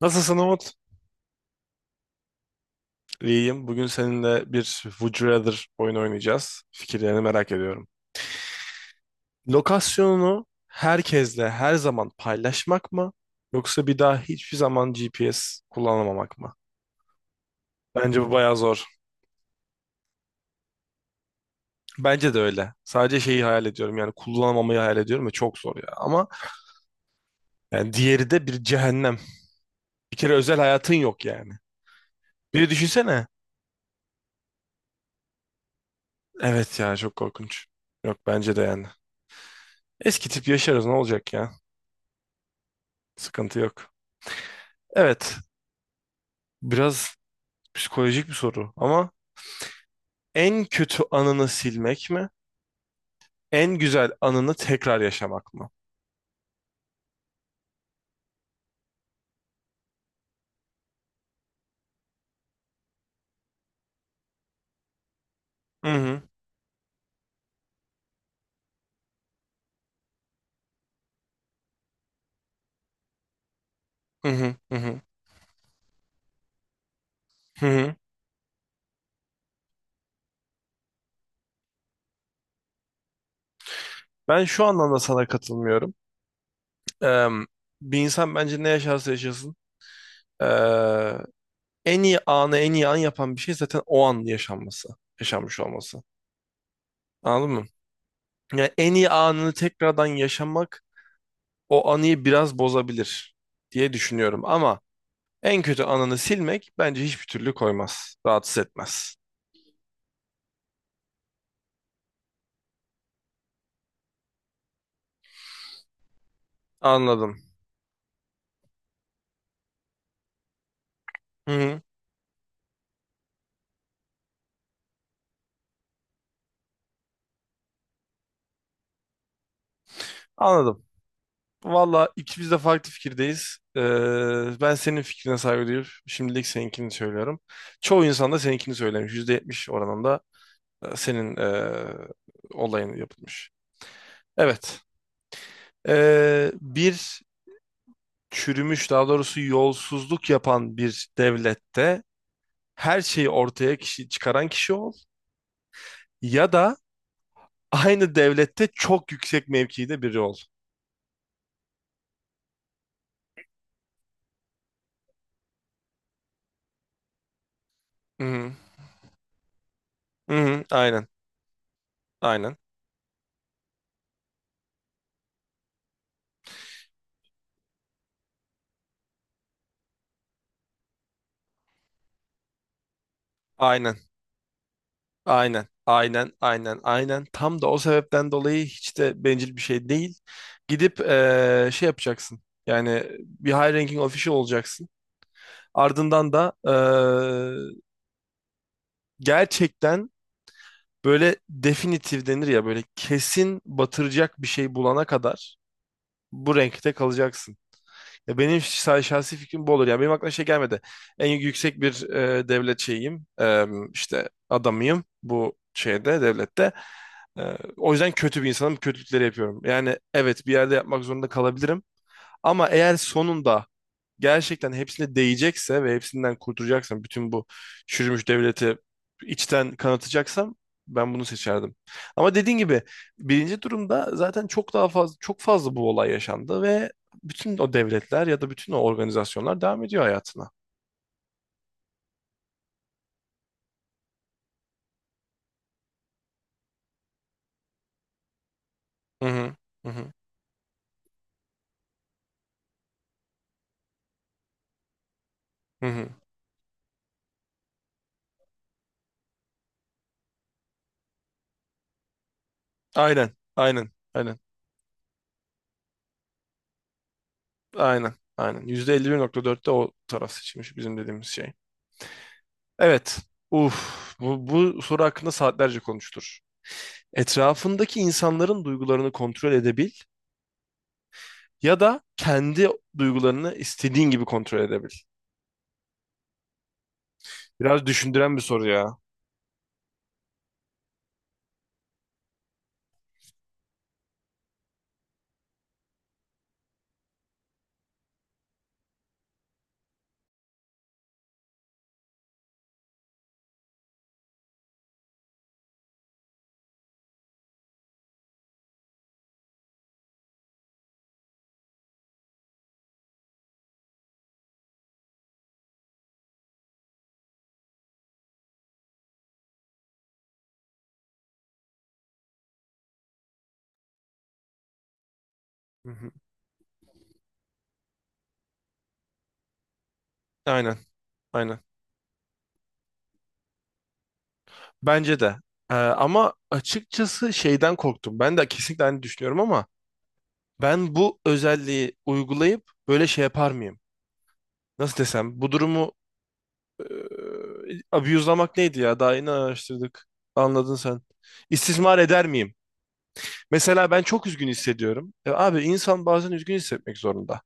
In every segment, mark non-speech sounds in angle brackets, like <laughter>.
Nasılsın Umut? İyiyim. Bugün seninle bir Would You Rather oyunu oynayacağız. Fikirlerini merak ediyorum. Lokasyonunu herkesle her zaman paylaşmak mı? Yoksa bir daha hiçbir zaman GPS kullanamamak mı? Bence bu bayağı zor. Bence de öyle. Sadece şeyi hayal ediyorum yani kullanamamayı hayal ediyorum ve çok zor ya. Ama yani diğeri de bir cehennem. Bir kere özel hayatın yok yani. Bir de düşünsene. Evet ya çok korkunç. Yok bence de yani. Eski tip yaşarız ne olacak ya? Sıkıntı yok. Evet, biraz psikolojik bir soru ama en kötü anını silmek mi? En güzel anını tekrar yaşamak mı? Hı hı, hı hı, hı hı, hı hı. Ben şu anlamda sana katılmıyorum. Eee, bir insan bence ne yaşarsa yaşasın eee, en iyi anı en iyi an yapan bir şey zaten o an yaşanması, yaşanmış olması. Anladın mı? Yani en iyi anını tekrardan yaşamak o anıyı biraz bozabilir diye düşünüyorum ama en kötü anını silmek bence hiçbir türlü koymaz, rahatsız etmez. Anladım. Hı hı. Anladım. Valla ikimiz de farklı fikirdeyiz. Ben senin fikrine saygı duyup şimdilik seninkini söylüyorum. Çoğu insan da seninkini söylemiş. %70 oranında senin olayın yapılmış. Evet. Bir çürümüş daha doğrusu yolsuzluk yapan bir devlette her şeyi ortaya çıkaran kişi ol ya da aynı devlette çok yüksek mevkide biri ol. Hı hı. Hı hı. Aynen. Aynen. Aynen. Aynen, aynen, aynen, aynen. Tam da o sebepten dolayı hiç de bencil bir şey değil. Gidip şey yapacaksın. Yani bir high ranking official olacaksın. Ardından da gerçekten böyle definitif denir ya böyle kesin batıracak bir şey bulana kadar bu renkte kalacaksın. Ya benim şahsi fikrim bu olur. Yani benim aklıma şey gelmedi. En yüksek bir devlet şeyiyim. İşte adamıyım bu şeyde, devlette. E, o yüzden kötü bir insanım. Kötülükleri yapıyorum. Yani evet bir yerde yapmak zorunda kalabilirim. Ama eğer sonunda gerçekten hepsine değecekse ve hepsinden kurtulacaksam bütün bu çürümüş devleti içten kanatacaksam ben bunu seçerdim. Ama dediğin gibi birinci durumda zaten çok daha fazla çok fazla bu olay yaşandı ve bütün o devletler ya da bütün o organizasyonlar devam ediyor hayatına. Hı hı. Hı hı. Hı hı. Aynen. Aynen. Aynen. Aynen. Aynen. %51.4'te o taraf seçilmiş bizim dediğimiz şey. Evet. Uf, bu soru hakkında saatlerce konuşulur. Etrafındaki insanların duygularını kontrol edebil ya da kendi duygularını istediğin gibi kontrol edebil. Biraz düşündüren bir soru ya. Hı hı. Aynen, aynen. Bence de. Ama açıkçası şeyden korktum. Ben de kesinlikle aynı düşünüyorum ama ben bu özelliği uygulayıp böyle şey yapar mıyım? Nasıl desem? Bu durumu e, abuse'lamak neydi ya? Daha yeni araştırdık. Anladın sen. İstismar eder miyim? Mesela ben çok üzgün hissediyorum. Abi insan bazen üzgün hissetmek zorunda.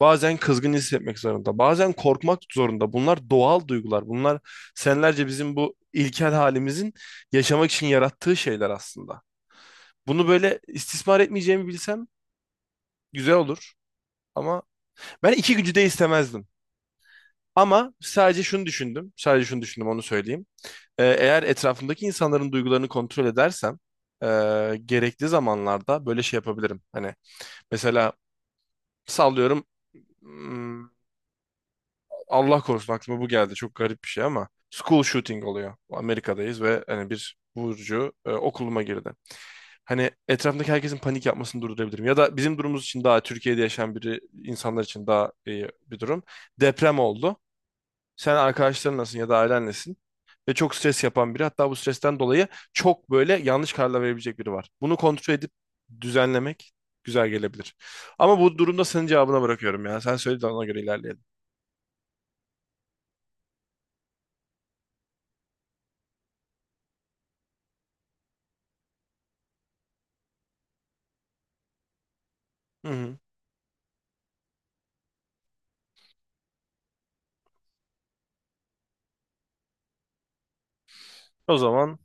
Bazen kızgın hissetmek zorunda, bazen korkmak zorunda. Bunlar doğal duygular. Bunlar senelerce bizim bu ilkel halimizin yaşamak için yarattığı şeyler aslında. Bunu böyle istismar etmeyeceğimi bilsem güzel olur. Ama ben iki gücü de istemezdim. Ama sadece şunu düşündüm. Sadece şunu düşündüm onu söyleyeyim. Eğer etrafımdaki insanların duygularını kontrol edersem e, gerekli zamanlarda böyle şey yapabilirim. Hani mesela sallıyorum hmm, Allah korusun aklıma bu geldi. Çok garip bir şey ama school shooting oluyor. Amerika'dayız ve hani bir vurucu okuluma girdi. Hani etrafındaki herkesin panik yapmasını durdurabilirim. Ya da bizim durumumuz için daha Türkiye'de yaşayan biri insanlar için daha iyi bir durum. Deprem oldu. Sen arkadaşların nasılsın ya da ailen nesin? Ve çok stres yapan biri. Hatta bu stresten dolayı çok böyle yanlış kararlar verebilecek biri var. Bunu kontrol edip düzenlemek güzel gelebilir. Ama bu durumda senin cevabına bırakıyorum ya. Sen söyle de ona göre ilerleyelim. Hı hı. O zaman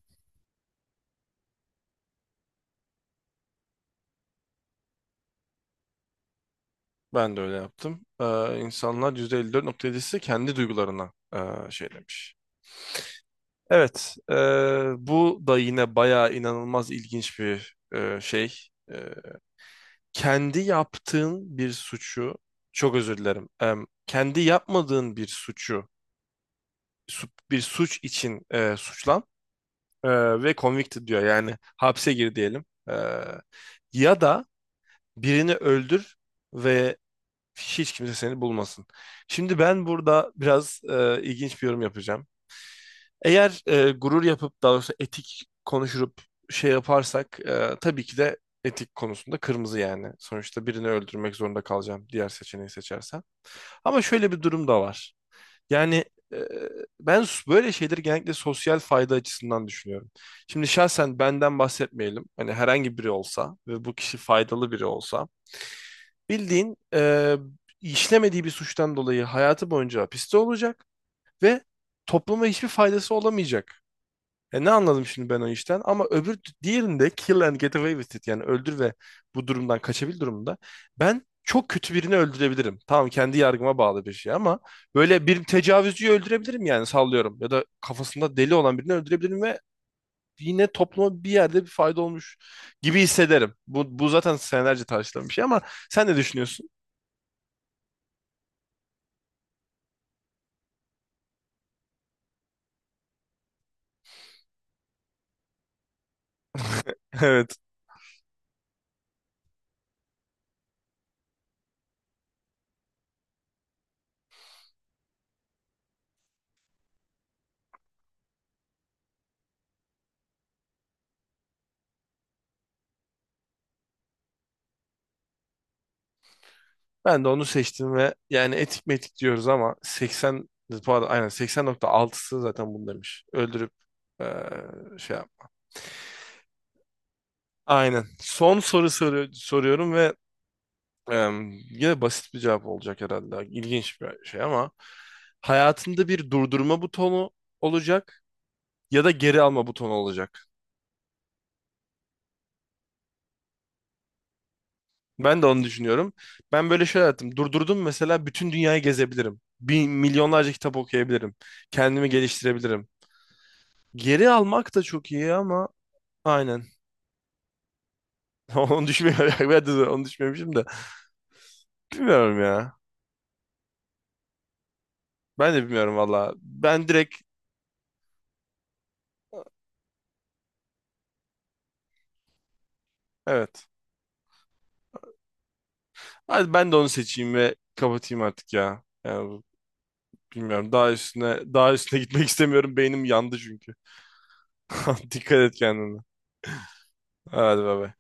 ben de öyle yaptım. İnsanlar %54.7'si kendi duygularına şey demiş. Evet, bu da yine bayağı inanılmaz ilginç bir şey. E, kendi yaptığın bir suçu, çok özür dilerim, kendi yapmadığın bir suçu, bir suç için suçlan e, ve convicted diyor. Yani hapse gir diyelim. Ya da birini öldür ve hiç kimse seni bulmasın. Şimdi ben burada biraz ilginç bir yorum yapacağım. Eğer gurur yapıp daha doğrusu etik konuşup şey yaparsak tabii ki de etik konusunda kırmızı yani. Sonuçta birini öldürmek zorunda kalacağım diğer seçeneği seçersem. Ama şöyle bir durum da var. Yani e, ben böyle şeyleri genellikle sosyal fayda açısından düşünüyorum. Şimdi şahsen benden bahsetmeyelim. Hani herhangi biri olsa ve bu kişi faydalı biri olsa bildiğin işlemediği bir suçtan dolayı hayatı boyunca hapiste olacak ve topluma hiçbir faydası olamayacak. E ne anladım şimdi ben o işten? Ama öbür diğerinde kill and get away with it yani öldür ve bu durumdan kaçabil durumunda ben çok kötü birini öldürebilirim. Tamam kendi yargıma bağlı bir şey ama böyle bir tecavüzcüyü öldürebilirim yani sallıyorum ya da kafasında deli olan birini öldürebilirim ve yine topluma bir yerde bir fayda olmuş gibi hissederim. Bu zaten senelerce tartışılan bir şey ama sen ne düşünüyorsun? <laughs> Evet. Ben de onu seçtim ve yani etik metik diyoruz ama 80 pardon aynen 80.6'sı zaten bunu demiş. Öldürüp eee, şey yap. Aynen. Son soru soruyorum ve yine basit bir cevap olacak herhalde. İlginç bir şey ama hayatında bir durdurma butonu olacak ya da geri alma butonu olacak. Ben de onu düşünüyorum. Ben böyle şey yaptım. Durdurdum mesela bütün dünyayı gezebilirim. Bir milyonlarca kitap okuyabilirim. Kendimi geliştirebilirim. Geri almak da çok iyi ama aynen. <laughs> Onu düşünmüyorum. <laughs> Ben de onu düşünmemişim de. Bilmiyorum ya. Ben de bilmiyorum valla. Ben direkt evet. Hadi ben de onu seçeyim ve kapatayım artık ya. Yani bilmiyorum. Daha üstüne daha üstüne gitmek <laughs> istemiyorum. Beynim yandı çünkü. <laughs> Dikkat et kendine. Hadi bay bay.